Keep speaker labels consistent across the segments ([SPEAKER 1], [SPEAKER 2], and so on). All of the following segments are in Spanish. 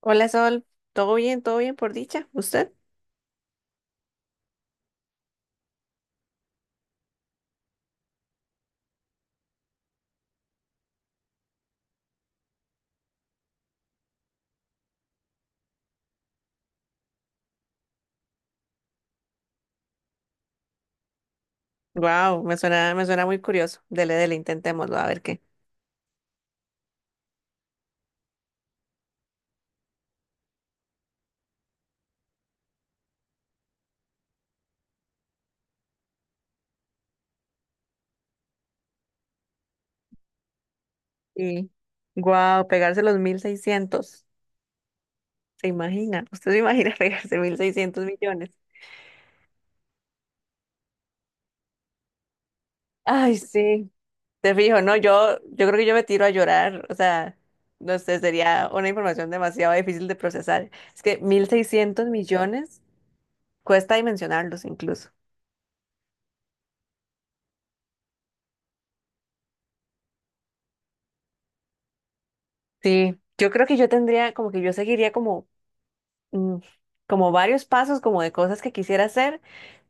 [SPEAKER 1] Hola Sol, ¿todo bien? ¿Todo bien por dicha? ¿Usted? Wow, me suena muy curioso. Dele, dele, intentémoslo, a ver qué. Sí. Wow, pegarse los 1.600. ¿Se imagina? ¿Usted se imagina pegarse 1.600 millones? Ay, sí. Te fijo, no, yo creo que yo me tiro a llorar. O sea, no sé, sería una información demasiado difícil de procesar. Es que 1.600 millones cuesta dimensionarlos incluso. Sí, yo creo que yo tendría, como que yo seguiría como mm, como varios pasos, como de cosas que quisiera hacer,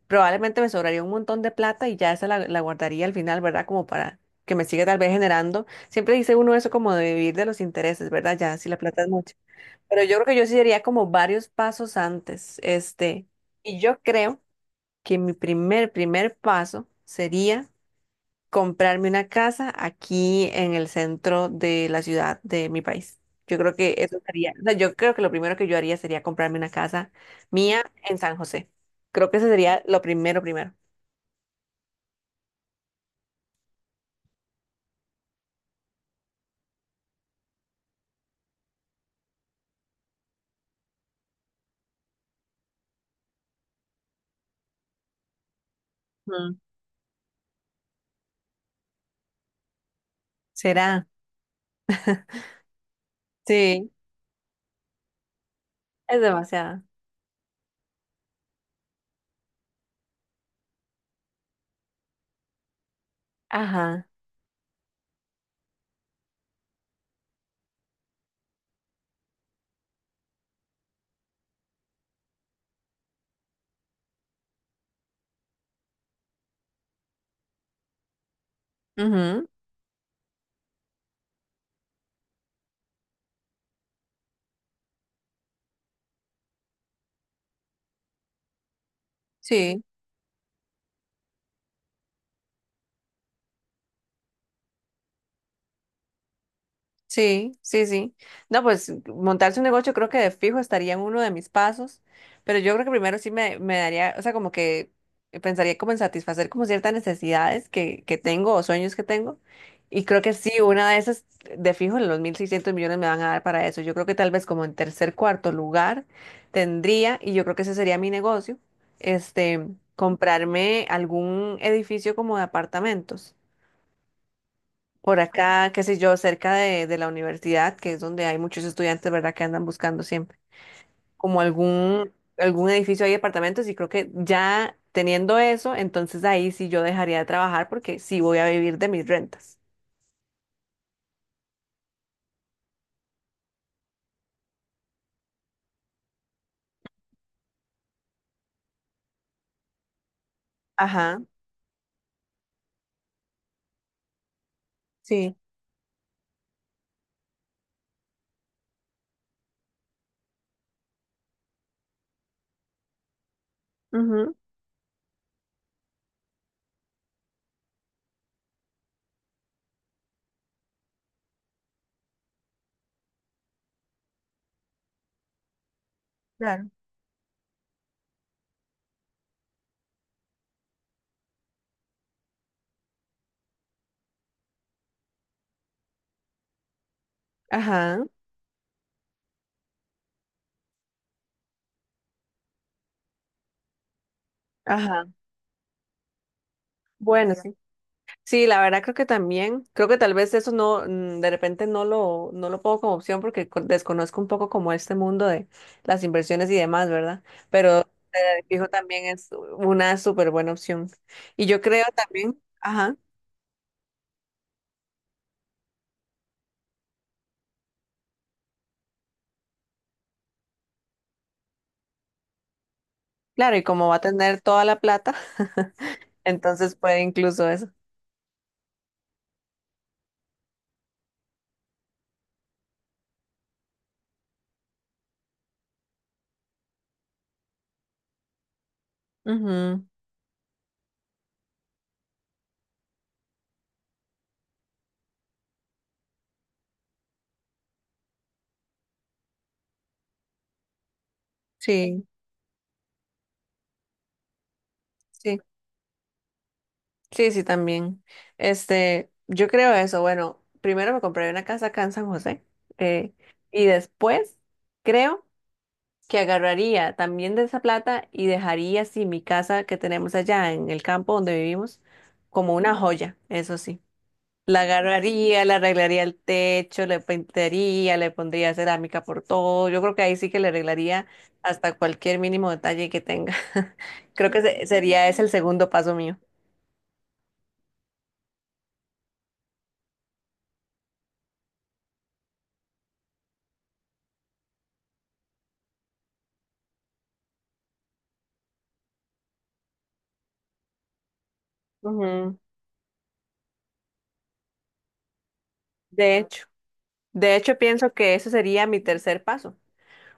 [SPEAKER 1] probablemente me sobraría un montón de plata y ya esa la guardaría al final, ¿verdad? Como para que me siga tal vez generando. Siempre dice uno eso como de vivir de los intereses, ¿verdad? Ya, si la plata es mucha. Pero yo creo que yo sí haría como varios pasos antes, este, y yo creo que mi primer paso sería comprarme una casa aquí en el centro de la ciudad de mi país. Yo creo que eso sería, o sea, yo creo que lo primero que yo haría sería comprarme una casa mía en San José. Creo que eso sería lo primero, primero. Ujú. ¿Será? Sí, es demasiado. Ajá. Ujú. Sí. Sí, sí, sí. No, pues montarse un negocio creo que de fijo estaría en uno de mis pasos, pero yo creo que primero sí me daría, o sea, como que pensaría como en satisfacer como ciertas necesidades que tengo o sueños que tengo. Y creo que sí, una de esas de fijo los 1.600 millones me van a dar para eso. Yo creo que tal vez como en tercer, cuarto lugar tendría, y yo creo que ese sería mi negocio, este, comprarme algún edificio como de apartamentos por acá, qué sé yo, cerca de la universidad, que es donde hay muchos estudiantes, ¿verdad? Que andan buscando siempre como algún edificio, hay apartamentos y creo que ya teniendo eso, entonces ahí sí yo dejaría de trabajar porque sí voy a vivir de mis rentas. Ajá, sí. Ujú. Claro. Ajá, ajá. Bueno, sí. Sí, la verdad creo que también, creo que tal vez eso no, de repente no lo pongo como opción porque desconozco un poco como este mundo de las inversiones y demás, ¿verdad? Pero fijo también es una súper buena opción. Y yo creo también, ajá, claro, y como va a tener toda la plata, entonces puede incluso eso. Ujú. Sí, sí, sí, sí, también. Este, yo creo eso. Bueno, primero me compré una casa acá en San José, eh, y después creo que agarraría también de esa plata y dejaría así mi casa que tenemos allá en el campo donde vivimos como una joya, eso sí. La agarraría, le arreglaría el techo, le pintaría, le pondría cerámica por todo. Yo creo que ahí sí que le arreglaría hasta cualquier mínimo detalle que tenga. Creo que sería ese el segundo paso mío. Ujú. De hecho, de hecho pienso que eso sería mi tercer paso.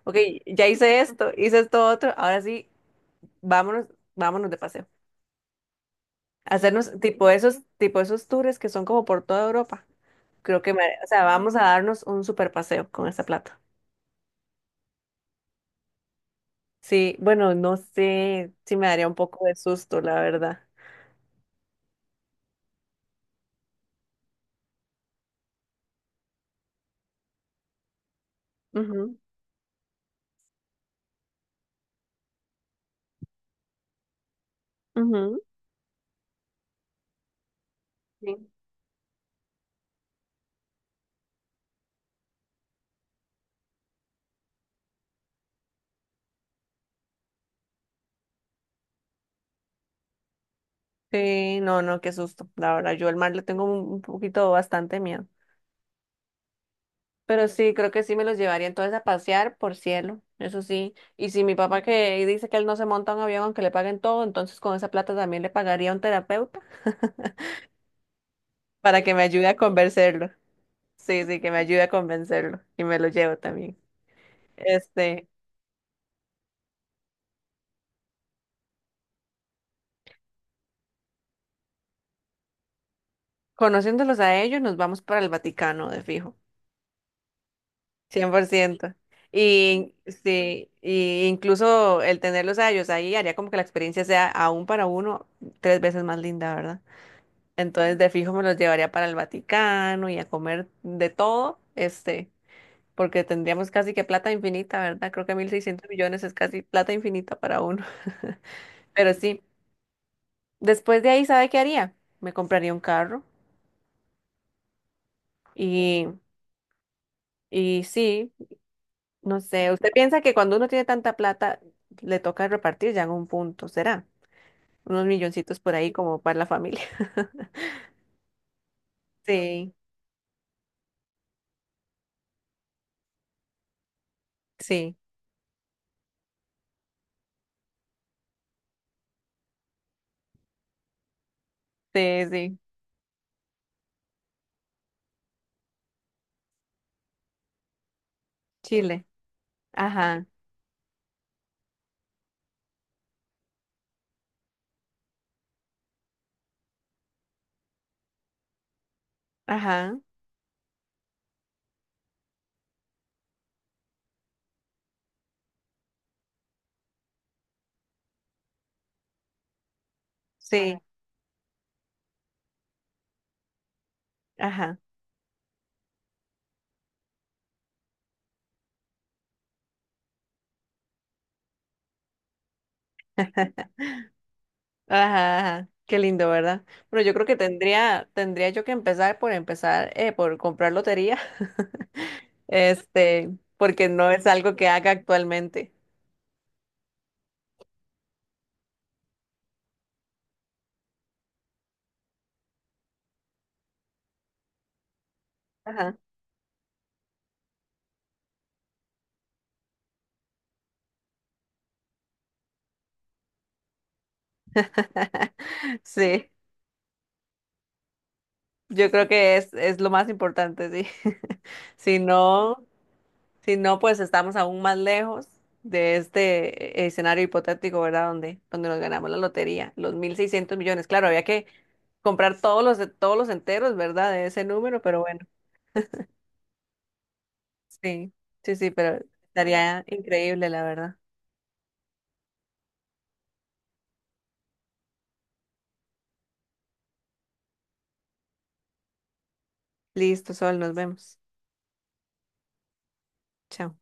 [SPEAKER 1] Ok, ya hice esto otro, ahora sí, vámonos, vámonos de paseo. Hacernos tipo esos tours que son como por toda Europa. Creo que, o sea, vamos a darnos un super paseo con esta plata. Sí, bueno, no sé si me daría un poco de susto, la verdad. Ujú, ujú. Sí. Sí, no, no, qué susto. La verdad, yo al mar le tengo un poquito bastante miedo. Pero sí, creo que sí me los llevaría entonces a pasear por cielo, eso sí. Y si mi papá que dice que él no se monta a un avión aunque le paguen todo, entonces con esa plata también le pagaría a un terapeuta para que me ayude a convencerlo. Sí, sí, que me ayude a convencerlo y me lo llevo también. Este, conociéndolos a ellos, nos vamos para el Vaticano, de fijo, 100%. Y sí, y incluso el tenerlos a ellos ahí haría como que la experiencia sea aún para uno 3 veces más linda, ¿verdad? Entonces, de fijo me los llevaría para el Vaticano y a comer de todo, este, porque tendríamos casi que plata infinita, ¿verdad? Creo que 1.600 millones es casi plata infinita para uno. Pero sí, después de ahí, ¿sabe qué haría? Me compraría un carro. Y, y sí, no sé, usted piensa que cuando uno tiene tanta plata, le toca repartir ya en un punto, ¿será? Unos milloncitos por ahí como para la familia. Sí, sí, sí, sí. Chile. Ajá, ajá, sí, ajá, ajá, ajá. Qué lindo, ¿verdad? Bueno, yo creo que tendría, tendría yo que empezar por empezar, por comprar lotería, este, porque no es algo que haga actualmente. Ajá. Sí. Yo creo que es lo más importante, sí. Si no, si no, pues estamos aún más lejos de este escenario hipotético, ¿verdad? Donde nos ganamos la lotería, los 1.600 millones. Claro, había que comprar todos todos los enteros, ¿verdad? De ese número, pero bueno, sí, sí, sí, pero estaría increíble, la verdad. Listo, Sol, nos vemos. Chao.